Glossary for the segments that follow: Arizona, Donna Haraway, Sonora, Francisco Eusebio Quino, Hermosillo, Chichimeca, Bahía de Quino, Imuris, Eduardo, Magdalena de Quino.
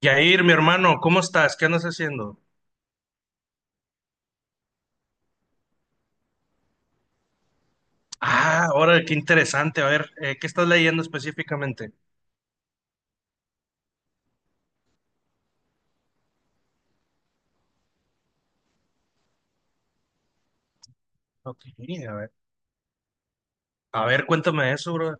Yair, mi hermano, ¿cómo estás? ¿Qué andas haciendo? Ah, ahora qué interesante. A ver, ¿qué estás leyendo específicamente? Ok, a ver. A ver, cuéntame eso, bro.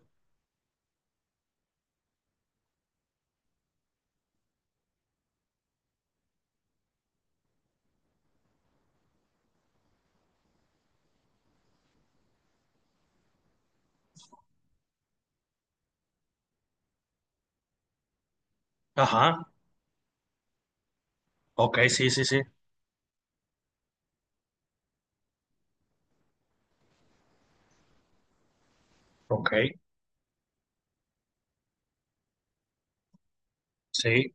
Ajá. Ok, sí, sí, sí. Ok, sí.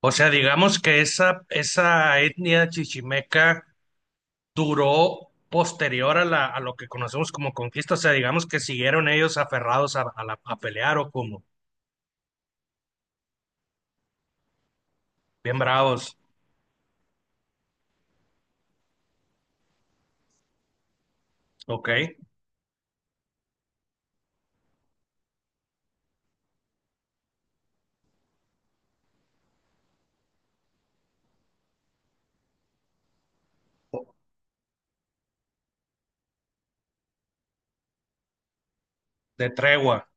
O sea, digamos que esa etnia chichimeca duró posterior a a lo que conocemos como conquista. O sea, digamos que siguieron ellos aferrados a a pelear o como, bien bravos. Ok, de tregua.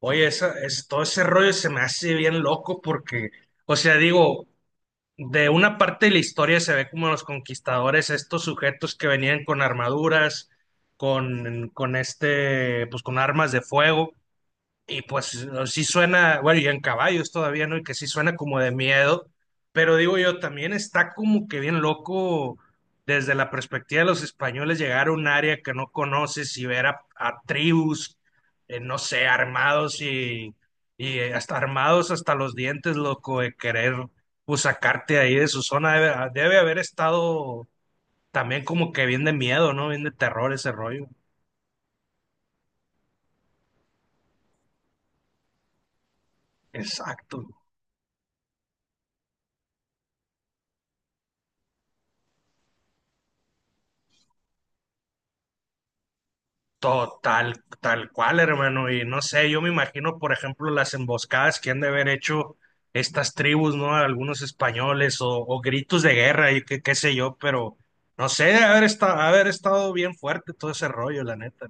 Oye, todo ese rollo se me hace bien loco porque, o sea, digo, de una parte de la historia se ve como los conquistadores, estos sujetos que venían con armaduras, con este, pues con armas de fuego, y pues no, sí suena, bueno, y en caballos todavía, ¿no? Y que sí suena como de miedo, pero digo yo, también está como que bien loco desde la perspectiva de los españoles llegar a un área que no conoces y ver a tribus, no sé, armados y hasta armados hasta los dientes, loco, de querer pues sacarte de ahí de su zona. Debe haber estado también como que bien de miedo, ¿no? Bien de terror ese rollo. Exacto. Total, tal cual, hermano. Y no sé, yo me imagino, por ejemplo, las emboscadas que han de haber hecho estas tribus, ¿no? Algunos españoles o gritos de guerra y qué, qué sé yo, pero no sé, debe haber estado bien fuerte todo ese rollo, la neta.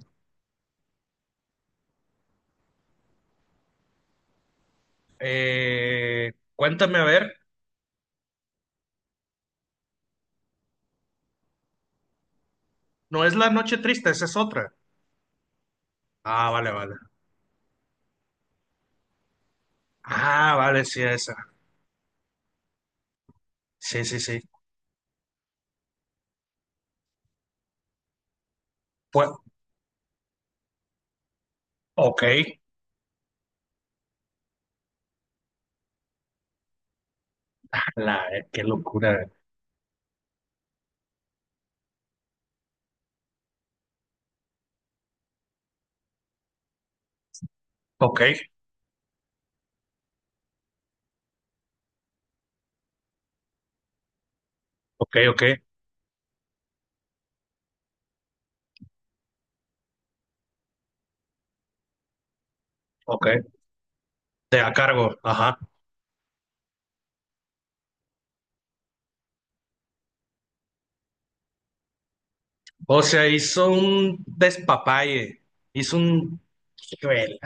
Cuéntame, a ver, no es la noche triste, esa es otra. Ah, vale, vale. Ah, vale, sí, esa. Sí, sí, sí. Pues, ok. La, qué locura. Ok, ok, ok, ok. Te a cargo, ajá. O sea, hizo un despapalle. Hizo un... Hijuela.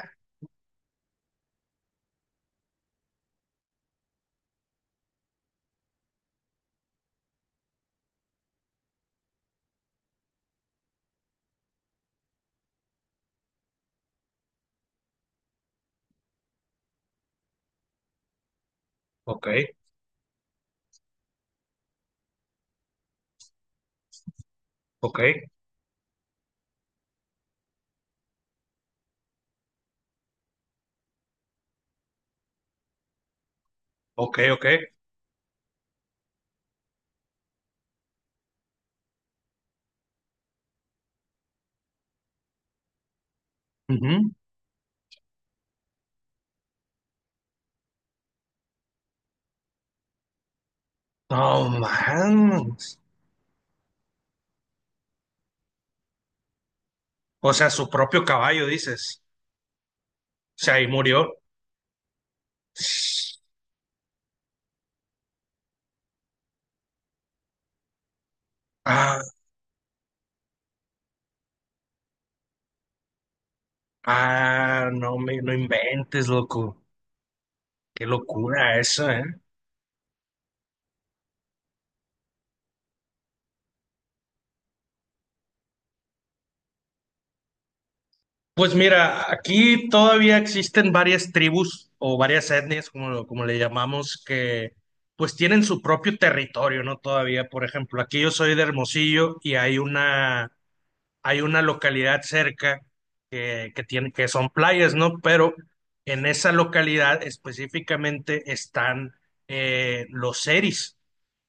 Ok, ok, ok, ok. Ujú. No, man. O sea, su propio caballo, dices. O sea, ahí murió. Ah, ah, no me, no inventes, loco. Qué locura eso, ¿eh? Pues mira, aquí todavía existen varias tribus o varias etnias, como, como le llamamos, que pues tienen su propio territorio, ¿no? Todavía, por ejemplo, aquí yo soy de Hermosillo y hay una localidad cerca que tiene, que son playas, ¿no? Pero en esa localidad específicamente están los seris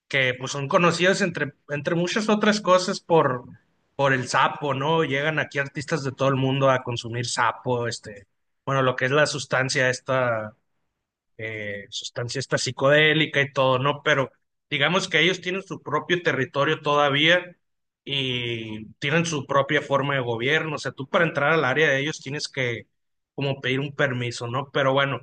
que pues son conocidos entre, entre muchas otras cosas por el sapo, ¿no? Llegan aquí artistas de todo el mundo a consumir sapo, este, bueno, lo que es la sustancia esta psicodélica y todo, ¿no? Pero digamos que ellos tienen su propio territorio todavía y tienen su propia forma de gobierno, o sea, tú para entrar al área de ellos tienes que como pedir un permiso, ¿no? Pero bueno,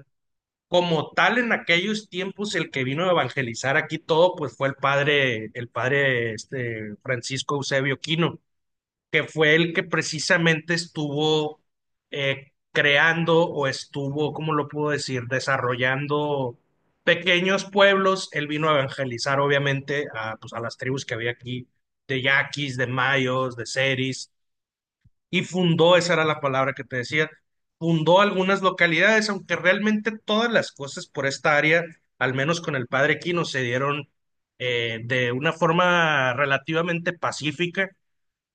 como tal, en aquellos tiempos, el que vino a evangelizar aquí todo, pues fue el padre este, Francisco Eusebio Quino, que fue el que precisamente estuvo creando o estuvo, ¿cómo lo puedo decir?, desarrollando pequeños pueblos. Él vino a evangelizar, obviamente, a, pues, a las tribus que había aquí, de yaquis, de mayos, de seris y fundó, esa era la palabra que te decía, fundó algunas localidades, aunque realmente todas las cosas por esta área, al menos con el padre Quino, se dieron de una forma relativamente pacífica,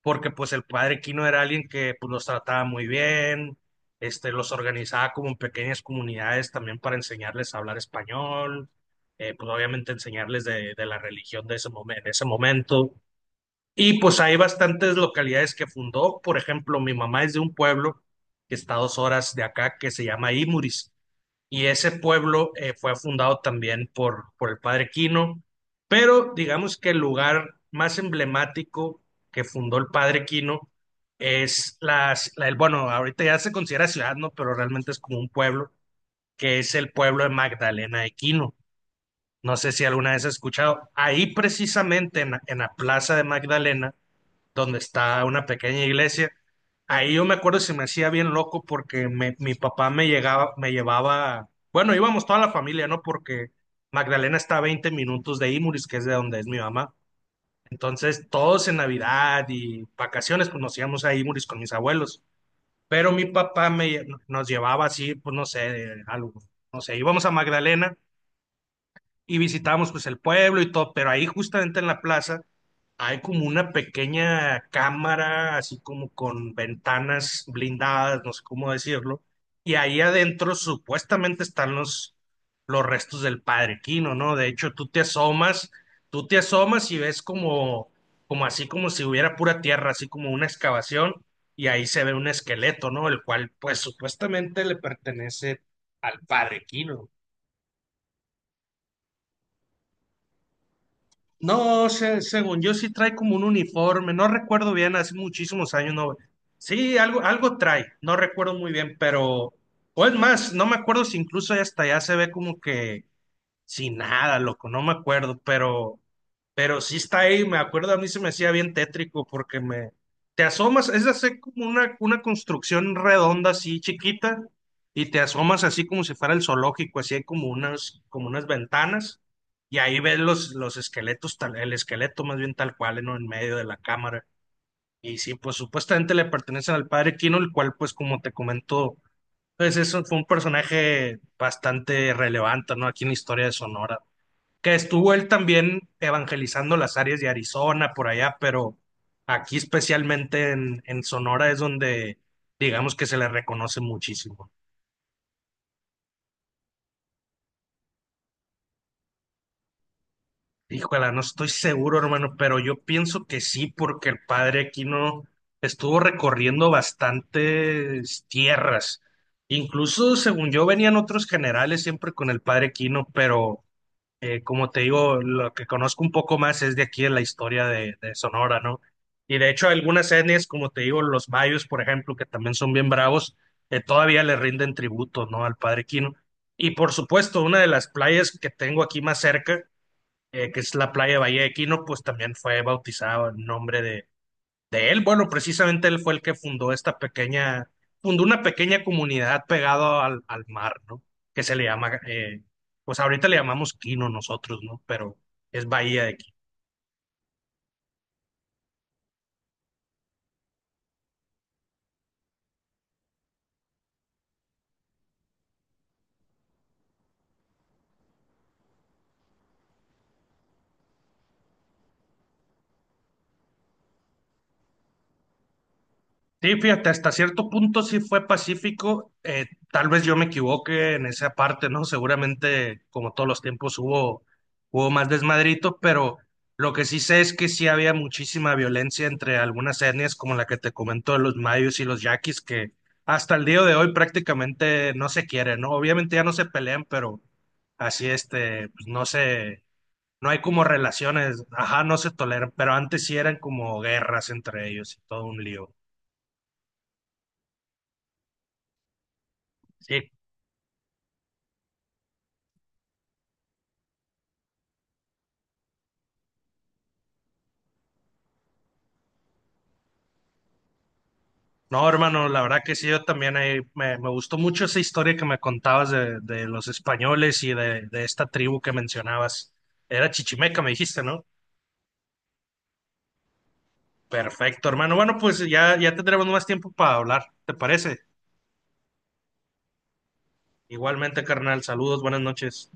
porque pues el padre Quino era alguien que pues, los trataba muy bien, este, los organizaba como en pequeñas comunidades también para enseñarles a hablar español. Pues obviamente enseñarles de la religión de ese de ese momento y pues hay bastantes localidades que fundó. Por ejemplo, mi mamá es de un pueblo que está a 2 horas de acá que se llama Imuris. Y ese pueblo fue fundado también por el padre Quino. Pero digamos que el lugar más emblemático que fundó el padre Quino es bueno, ahorita ya se considera ciudad, ¿no? Pero realmente es como un pueblo, que es el pueblo de Magdalena de Quino. No sé si alguna vez has escuchado. Ahí precisamente en la Plaza de Magdalena donde está una pequeña iglesia. Ahí yo me acuerdo se me hacía bien loco porque mi papá me llegaba, me llevaba, bueno, íbamos toda la familia, ¿no? Porque Magdalena está a 20 minutos de Imuris, que es de donde es mi mamá. Entonces, todos en Navidad y vacaciones, pues nos íbamos a Imuris con mis abuelos. Pero mi papá nos llevaba así, pues no sé, algo, no sé, íbamos a Magdalena y visitamos pues el pueblo y todo, pero ahí justamente en la plaza hay como una pequeña cámara, así como con ventanas blindadas, no sé cómo decirlo, y ahí adentro supuestamente están los restos del padre Quino, ¿no? De hecho, tú te asomas y ves como, como así como si hubiera pura tierra, así como una excavación, y ahí se ve un esqueleto, ¿no? El cual pues supuestamente le pertenece al padre Quino. No, se- según yo sí trae como un uniforme, no recuerdo bien, hace muchísimos años no. Sí, algo, algo trae, no recuerdo muy bien, pero, o es más, no me acuerdo si incluso hasta allá se ve como que sin nada, loco, no me acuerdo, pero sí está ahí, me acuerdo, a mí se me hacía bien tétrico porque me... Te asomas, es hacer como una construcción redonda así chiquita y te asomas así como si fuera el zoológico, así hay como unas ventanas y ahí ves los esqueletos, el esqueleto más bien tal cual, ¿no? En medio de la cámara. Y sí, pues supuestamente le pertenecen al padre Kino, el cual pues como te comento, pues eso fue un personaje bastante relevante, ¿no? Aquí en la historia de Sonora que estuvo él también evangelizando las áreas de Arizona, por allá, pero aquí especialmente en Sonora es donde digamos que se le reconoce muchísimo. Híjole, no estoy seguro, hermano, pero yo pienso que sí, porque el padre Aquino estuvo recorriendo bastantes tierras. Incluso, según yo, venían otros generales siempre con el padre Aquino, pero como te digo, lo que conozco un poco más es de aquí de la historia de Sonora, ¿no? Y de hecho, algunas etnias, como te digo, los mayos, por ejemplo, que también son bien bravos, todavía le rinden tributo, ¿no? Al Padre Quino. Y por supuesto, una de las playas que tengo aquí más cerca, que es la playa de Bahía de Quino, pues también fue bautizada en nombre de él. Bueno, precisamente él fue el que fundó esta pequeña, fundó una pequeña comunidad pegado al, al mar, ¿no? Que se le llama, pues ahorita le llamamos Quino nosotros, ¿no? Pero es Bahía de Quino. Sí, fíjate, hasta cierto punto sí fue pacífico. Tal vez yo me equivoque en esa parte, ¿no? Seguramente, como todos los tiempos, hubo más desmadrito, pero lo que sí sé es que sí había muchísima violencia entre algunas etnias, como la que te comento de los mayos y los yaquis, que hasta el día de hoy prácticamente no se quieren, ¿no? Obviamente ya no se pelean, pero así este, pues no se, no hay como relaciones, ajá, no se toleran, pero antes sí eran como guerras entre ellos y todo un lío. Sí, no, hermano, la verdad que sí, yo también ahí me, me gustó mucho esa historia que me contabas de los españoles y de esta tribu que mencionabas. Era Chichimeca, me dijiste, ¿no? Perfecto, hermano. Bueno, pues ya, ya tendremos más tiempo para hablar, ¿te parece? Igualmente, carnal, saludos, buenas noches.